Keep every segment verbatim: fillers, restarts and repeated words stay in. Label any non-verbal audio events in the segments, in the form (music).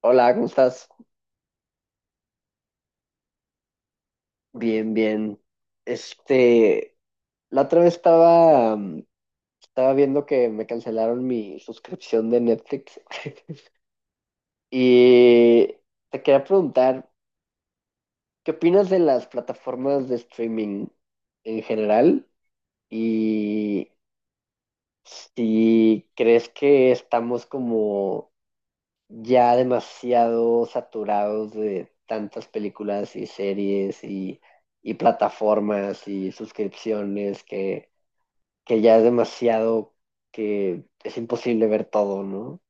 Hola, ¿cómo estás? Bien, bien. Este, la otra vez estaba, mm, estaba viendo que me cancelaron mi suscripción de Netflix (laughs) y te quería preguntar, ¿qué opinas de las plataformas de streaming en general? Y si crees que estamos como ya demasiado saturados de tantas películas y series y, y plataformas y suscripciones que, que ya es demasiado que es imposible ver todo, ¿no?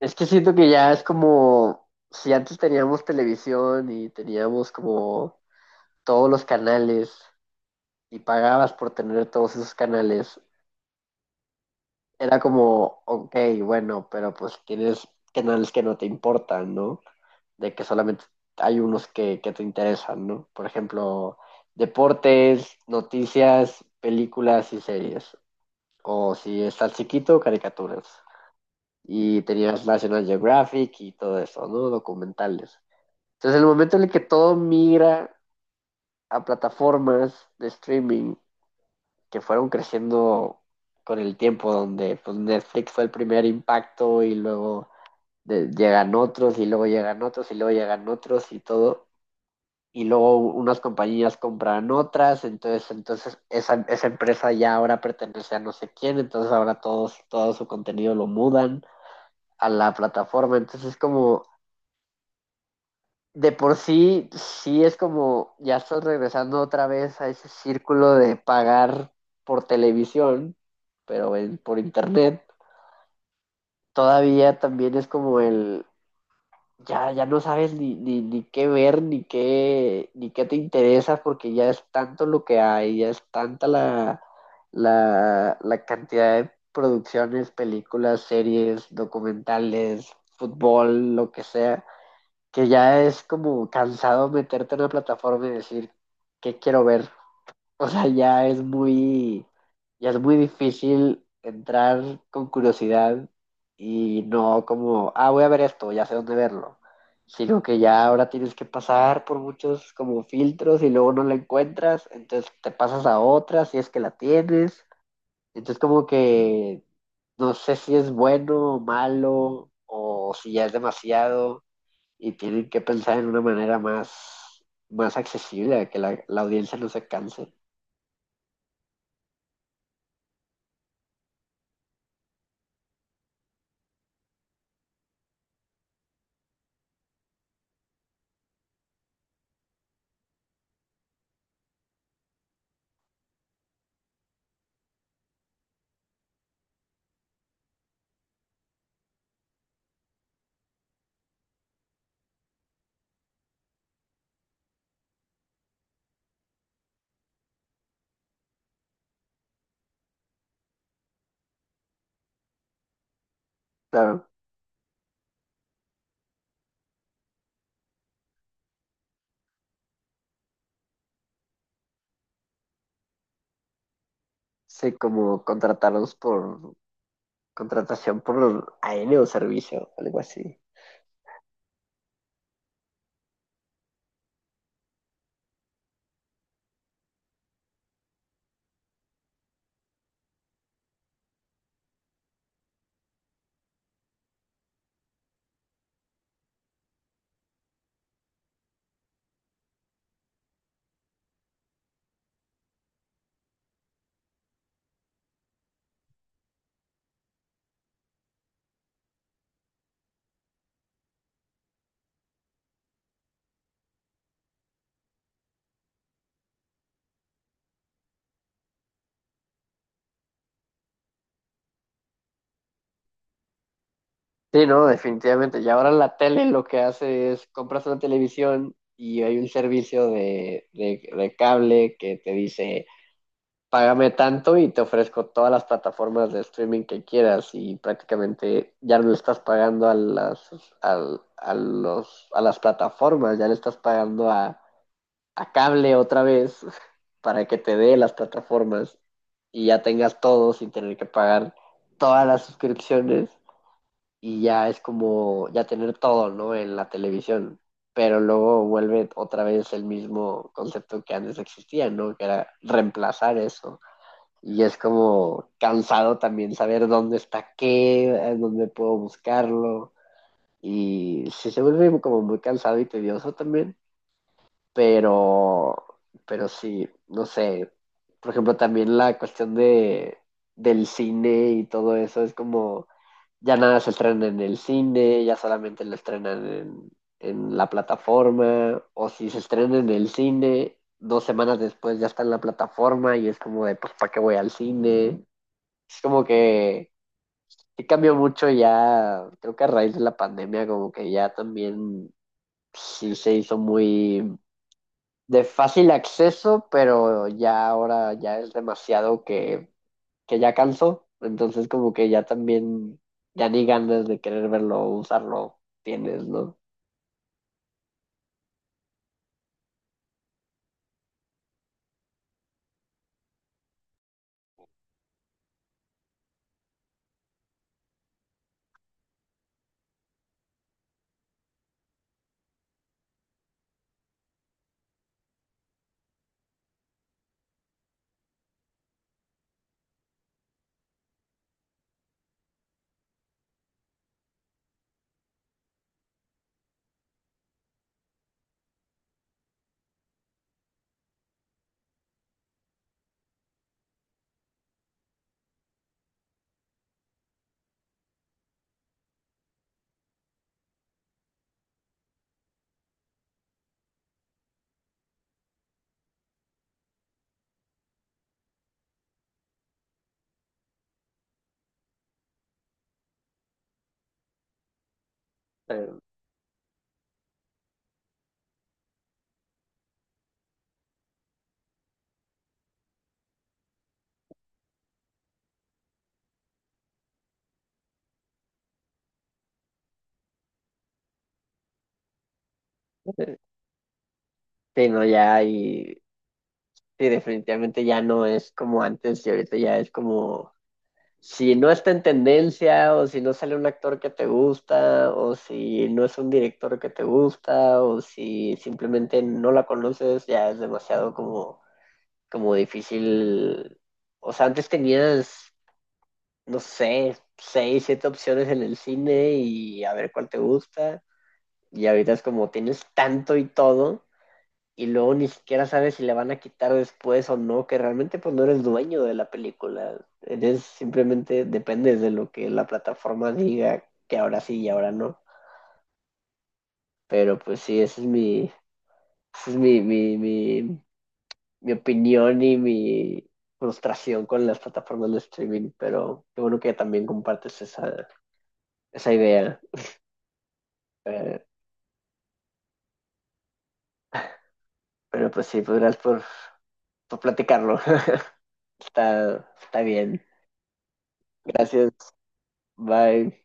Es que siento que ya es como si antes teníamos televisión y teníamos como todos los canales y pagabas por tener todos esos canales. Era como, ok, bueno, pero pues tienes canales que no te importan, ¿no? De que solamente hay unos que, que te interesan, ¿no? Por ejemplo, deportes, noticias, películas y series. O si estás chiquito, caricaturas. Y tenías National Geographic y todo eso, ¿no? Documentales. Entonces, el momento en el que todo migra a plataformas de streaming que fueron creciendo con el tiempo, donde pues, Netflix fue el primer impacto y luego de- llegan otros y luego llegan otros y luego llegan otros y todo. Y luego unas compañías compran otras, entonces, entonces esa, esa empresa ya ahora pertenece a no sé quién, entonces ahora todos, todo su contenido lo mudan a la plataforma. Entonces es como, de por sí, sí es como ya estás regresando otra vez a ese círculo de pagar por televisión, pero en- por internet. Todavía también es como el, ya, ya no sabes ni, ni, ni qué ver, ni qué, ni qué te interesa, porque ya es tanto lo que hay, ya es tanta la, la, la cantidad de producciones, películas, series, documentales, fútbol, lo que sea que ya es como cansado meterte en la plataforma y decir, ¿qué quiero ver? O sea, ya es muy, ya es muy difícil entrar con curiosidad y no como, ah, voy a ver esto, ya sé dónde verlo, sino que ya ahora tienes que pasar por muchos como filtros y luego no la encuentras, entonces te pasas a otra si es que la tienes, entonces como que no sé si es bueno o malo o si ya es demasiado y tienen que pensar en una manera más, más accesible, a que la, la audiencia no se canse. Claro, sí, como contratarlos por contratación por A N o servicio, algo así. Sí, no, definitivamente. Y ahora la tele lo que hace es compras una televisión y hay un servicio de, de, de cable que te dice págame tanto y te ofrezco todas las plataformas de streaming que quieras y prácticamente ya no le estás pagando a las, al- a, los, a las plataformas, ya le estás pagando a, a cable otra vez (laughs) para que te dé las plataformas y ya tengas todo sin tener que pagar todas las suscripciones y ya es como ya tener todo, ¿no? En la televisión. Pero luego vuelve otra vez el mismo concepto que antes existía, ¿no? Que era reemplazar eso. Y es como cansado también saber dónde está qué, dónde puedo buscarlo. Y sí se vuelve como muy cansado y tedioso también. Pero, pero sí, no sé. Por ejemplo, también la cuestión de, del cine y todo eso es como ya nada se estrena en el cine, ya solamente lo estrenan en, en la plataforma, o si se estrena en el cine, dos semanas después ya está en la plataforma y es como de, pues, ¿para qué voy al cine? Es como que, que cambió mucho ya, creo que a raíz de la pandemia, como que ya también sí se hizo muy de fácil acceso, pero ya ahora ya es demasiado que, que ya cansó, entonces como que ya también, ya ni ganas de querer verlo, usarlo tienes, ¿no? Pero, eh, sí, no, ya y sí, definitivamente ya no es como antes y ahorita ya es como si no está en tendencia o si no sale un actor que te gusta o si no es un director que te gusta o si simplemente no la conoces, ya es demasiado como, como difícil. O sea, antes tenías, no sé, seis, siete opciones en el cine y a ver cuál te gusta. Y ahorita es como tienes tanto y todo y luego ni siquiera sabes si le van a quitar después o no, que realmente pues no eres dueño de la película, eres simplemente dependes de lo que la plataforma diga que ahora sí y ahora no. Pero pues sí, esa es mi, esa es mi, mi, mi, mi opinión y mi frustración con las plataformas de streaming, pero qué bueno que también compartes esa, esa idea. Eh, pero pues sí, pues gracias por, por platicarlo. (laughs) está, está bien. Gracias. Bye.